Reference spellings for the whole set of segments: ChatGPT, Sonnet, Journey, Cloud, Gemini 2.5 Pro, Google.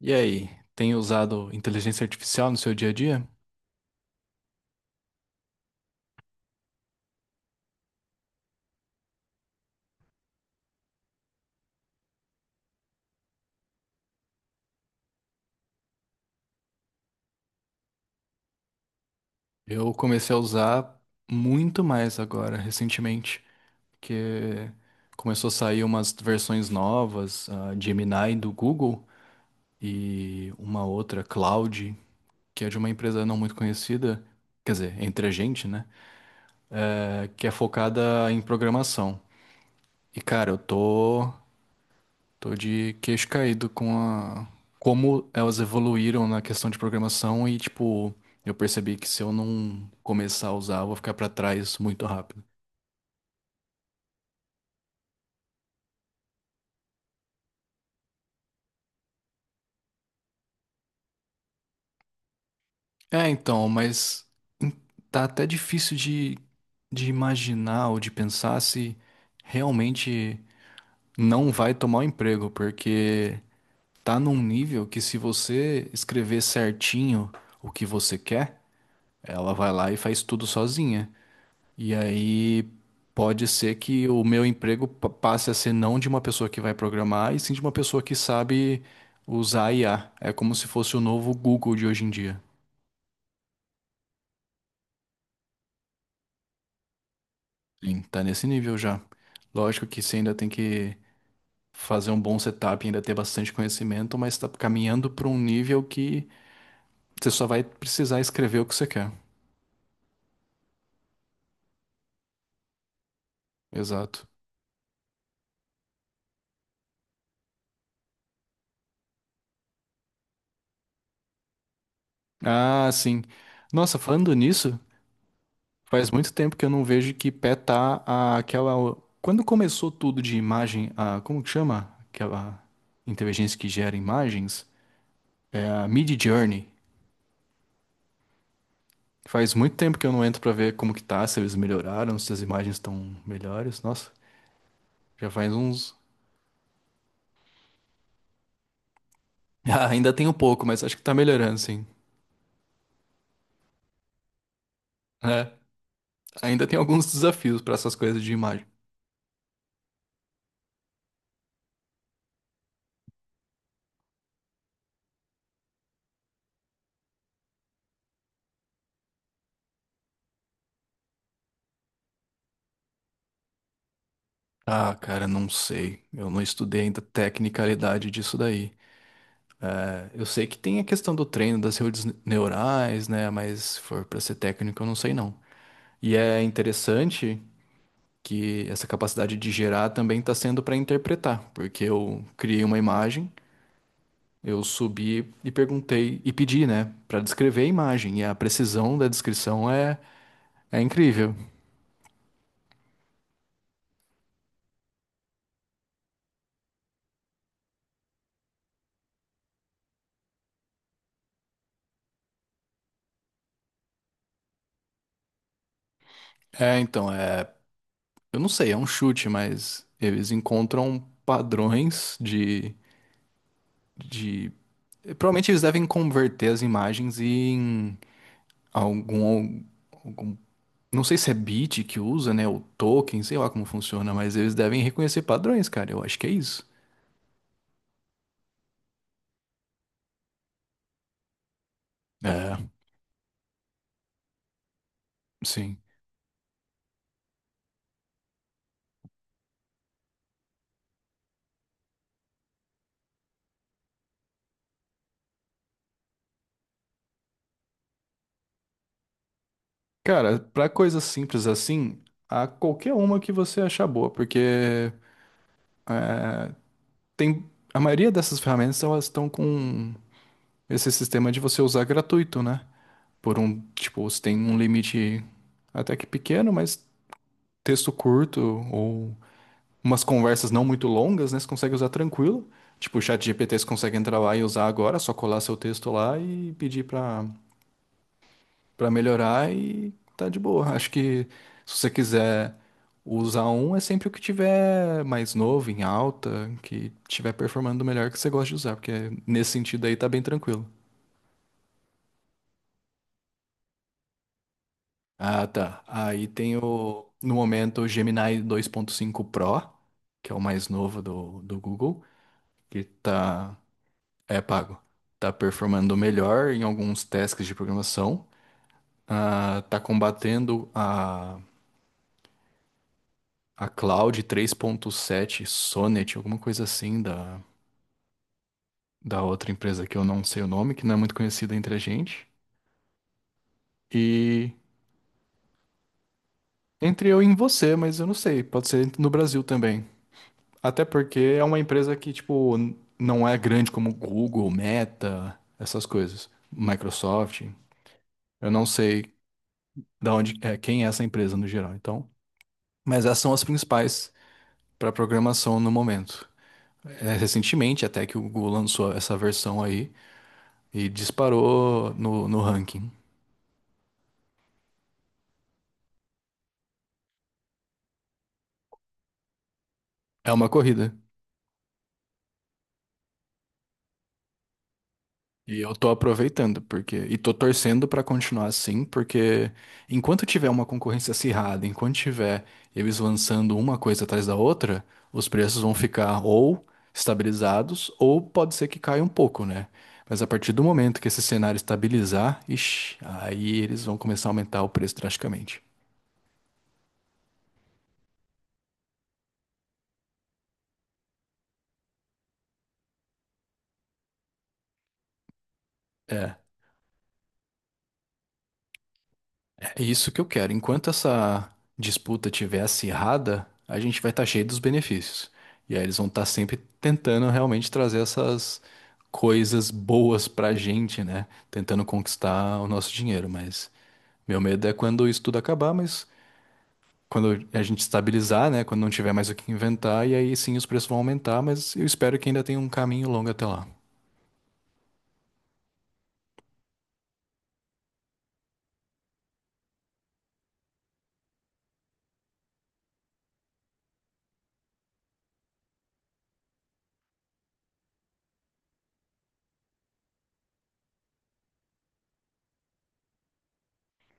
E aí, tem usado inteligência artificial no seu dia a dia? Eu comecei a usar muito mais agora, recentemente, porque começou a sair umas versõões novas, a Gemini do Google e uma outra, Cloud, que é de uma empresa não muito conhecida, quer dizer, entre a gente, né? É, que é focada em programação. E cara, eu tô de queixo caído com a como elas evoluíram na questão de programação e, tipo, eu percebi que se eu não começar a usar, eu vou ficar pra trás muito rápido. É, então, mas tá até difícil de imaginar ou de pensar se realmente não vai tomar o emprego, porque tá num nível que, se você escrever certinho o que você quer, ela vai lá e faz tudo sozinha. E aí pode ser que o meu emprego passe a ser não de uma pessoa que vai programar, e sim de uma pessoa que sabe usar IA. É como se fosse o novo Google de hoje em dia. Sim, tá nesse nível já. Lógico que você ainda tem que fazer um bom setup, ainda ter bastante conhecimento, mas tá caminhando para um nível que você só vai precisar escrever o que você quer. Exato. Ah, sim. Nossa, falando nisso, faz muito tempo que eu não vejo que pé tá aquela. Quando começou tudo de imagem, a como que chama? Aquela inteligência que gera imagens? É a Journey. Faz muito tempo que eu não entro pra ver como que tá, se eles melhoraram, se as imagens estão melhores. Nossa, já faz uns. Ah, ainda tem um pouco, mas acho que tá melhorando, sim. É, ainda tem alguns desafios pra essas coisas de imagem. Ah, cara, não sei. Eu não estudei ainda a tecnicalidade disso daí. É, eu sei que tem a questão do treino das redes neurais, né? Mas se for para ser técnico, eu não sei não. E é interessante que essa capacidade de gerar também está sendo para interpretar, porque eu criei uma imagem, eu subi e perguntei e pedi, né, para descrever a imagem. E a precisão da descrição é incrível. É, então, é, eu não sei, é um chute, mas eles encontram padrões de provavelmente eles devem converter as imagens em algum, algum- não sei se é bit que usa, né, ou token, sei lá como funciona, mas eles devem reconhecer padrões, cara. Eu acho que é isso. É, sim. Cara, pra coisas simples assim, há qualquer uma que você achar boa, porque é, tem a maioria dessas ferramentas, elas estão com esse sistema de você usar gratuito, né? Por um, tipo, você tem um limite até que pequeno, mas texto curto ou umas conversas não muito longas, né? Você consegue usar tranquilo. Tipo, o chat GPT você consegue entrar lá e usar agora, é só colar seu texto lá e pedir pra melhorar e tá de boa. Acho que, se você quiser usar um, é sempre o que tiver mais novo, em alta, que tiver performando melhor, que você gosta de usar, porque nesse sentido aí tá bem tranquilo. Ah, tá. Aí tem o, no momento, o Gemini 2.5 Pro, que é o mais novo do Google, que tá É pago. Tá performando melhor em alguns tasks de programação. Ah, tá combatendo a Cloud três ponto sete Sonnet, alguma coisa assim da outra empresa que eu não sei o nome, que não é muito conhecida entre a gente. E entre eu e em você, mas eu não sei, pode ser no Brasil também. Até porque é uma empresa que, tipo, não é grande como Google, Meta, essas coisas. Microsoft. Eu não sei da onde é, quem é essa empresa no geral. Então, mas essas são as principais para programação no momento. É, recentemente, até que o Google lançou essa versão aí e disparou no ranking. É uma corrida. E eu tô aproveitando, porque e tô torcendo pra continuar assim, porque enquanto tiver uma concorrência acirrada, enquanto tiver eles lançando uma coisa atrás da outra, os preços vão ficar ou estabilizados, ou pode ser que caia um pouco, né? Mas a partir do momento que esse cenário estabilizar, ixi, aí eles vão começar a aumentar o preço drasticamente. É. É isso que eu quero. Enquanto essa disputa estiver acirrada, a gente vai estar cheio dos benefícios. E aí eles vão estar sempre tentando realmente trazer essas coisas boas pra gente, né? Tentando conquistar o nosso dinheiro. Mas meu medo é quando isso tudo acabar, mas quando a gente estabilizar, né? Quando não tiver mais o que inventar, e aí sim os preços vão aumentar, mas eu espero que ainda tenha um caminho longo até lá.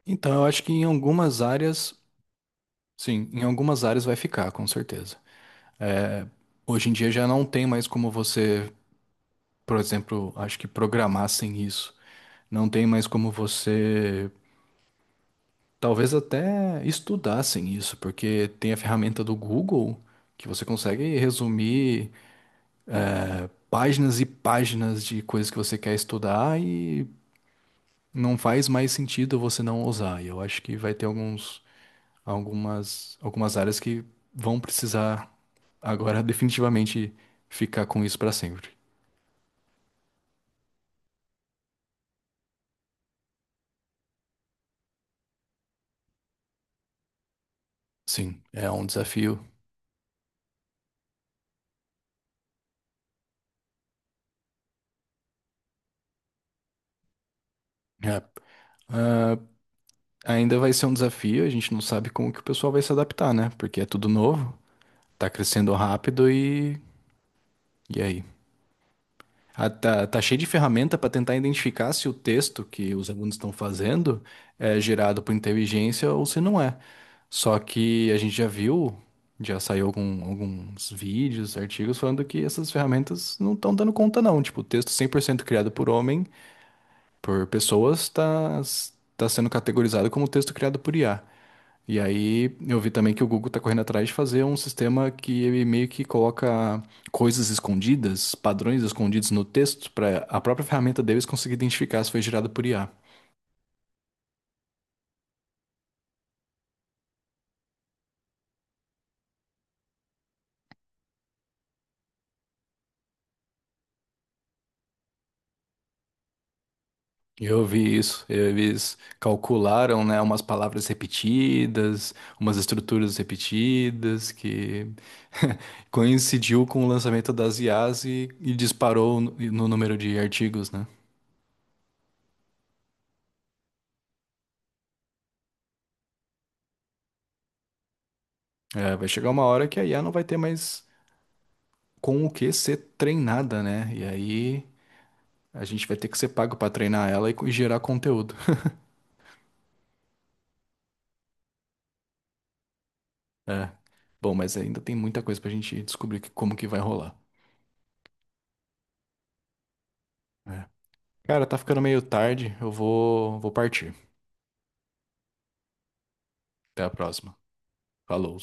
Então eu acho que em algumas áreas, sim, em algumas áreas vai ficar, com certeza. Hoje em dia já não tem mais como você, por exemplo, acho que programar sem isso. Não tem mais como você talvez até estudar sem isso, porque tem a ferramenta do Google que você consegue resumir páginas e páginas de coisas que você quer estudar e não faz mais sentido você não usar. E eu acho que vai ter algumas áreas que vão precisar agora definitivamente ficar com isso para sempre. Sim, é um desafio. É. Ah, ainda vai ser um desafio, a gente não sabe como que o pessoal vai se adaptar, né? Porque é tudo novo, tá crescendo rápido e. E aí? Ah, tá cheio de ferramenta para tentar identificar se o texto que os alunos estão fazendo é gerado por inteligência ou se não é. Só que a gente já viu, já saiu alguns vídeos, artigos falando que essas ferramentas não estão dando conta, não. Tipo, o texto 100% criado por homem, por pessoas, tá sendo categorizado como texto criado por IA. E aí eu vi também que o Google está correndo atrás de fazer um sistema que ele meio que coloca coisas escondidas, padrões escondidos no texto, para a própria ferramenta deles conseguir identificar se foi gerado por IA. Eu vi isso, eles calcularam, né, umas palavras repetidas, umas estruturas repetidas, que coincidiu com o lançamento das IAs e disparou no número de artigos, né? É, vai chegar uma hora que a IA não vai ter mais com o que ser treinada, né? E aí a gente vai ter que ser pago pra treinar ela e e gerar conteúdo. É. Bom, mas ainda tem muita coisa pra gente descobrir como que vai rolar. É. Cara, tá ficando meio tarde, eu vou partir. Até a próxima. Falou.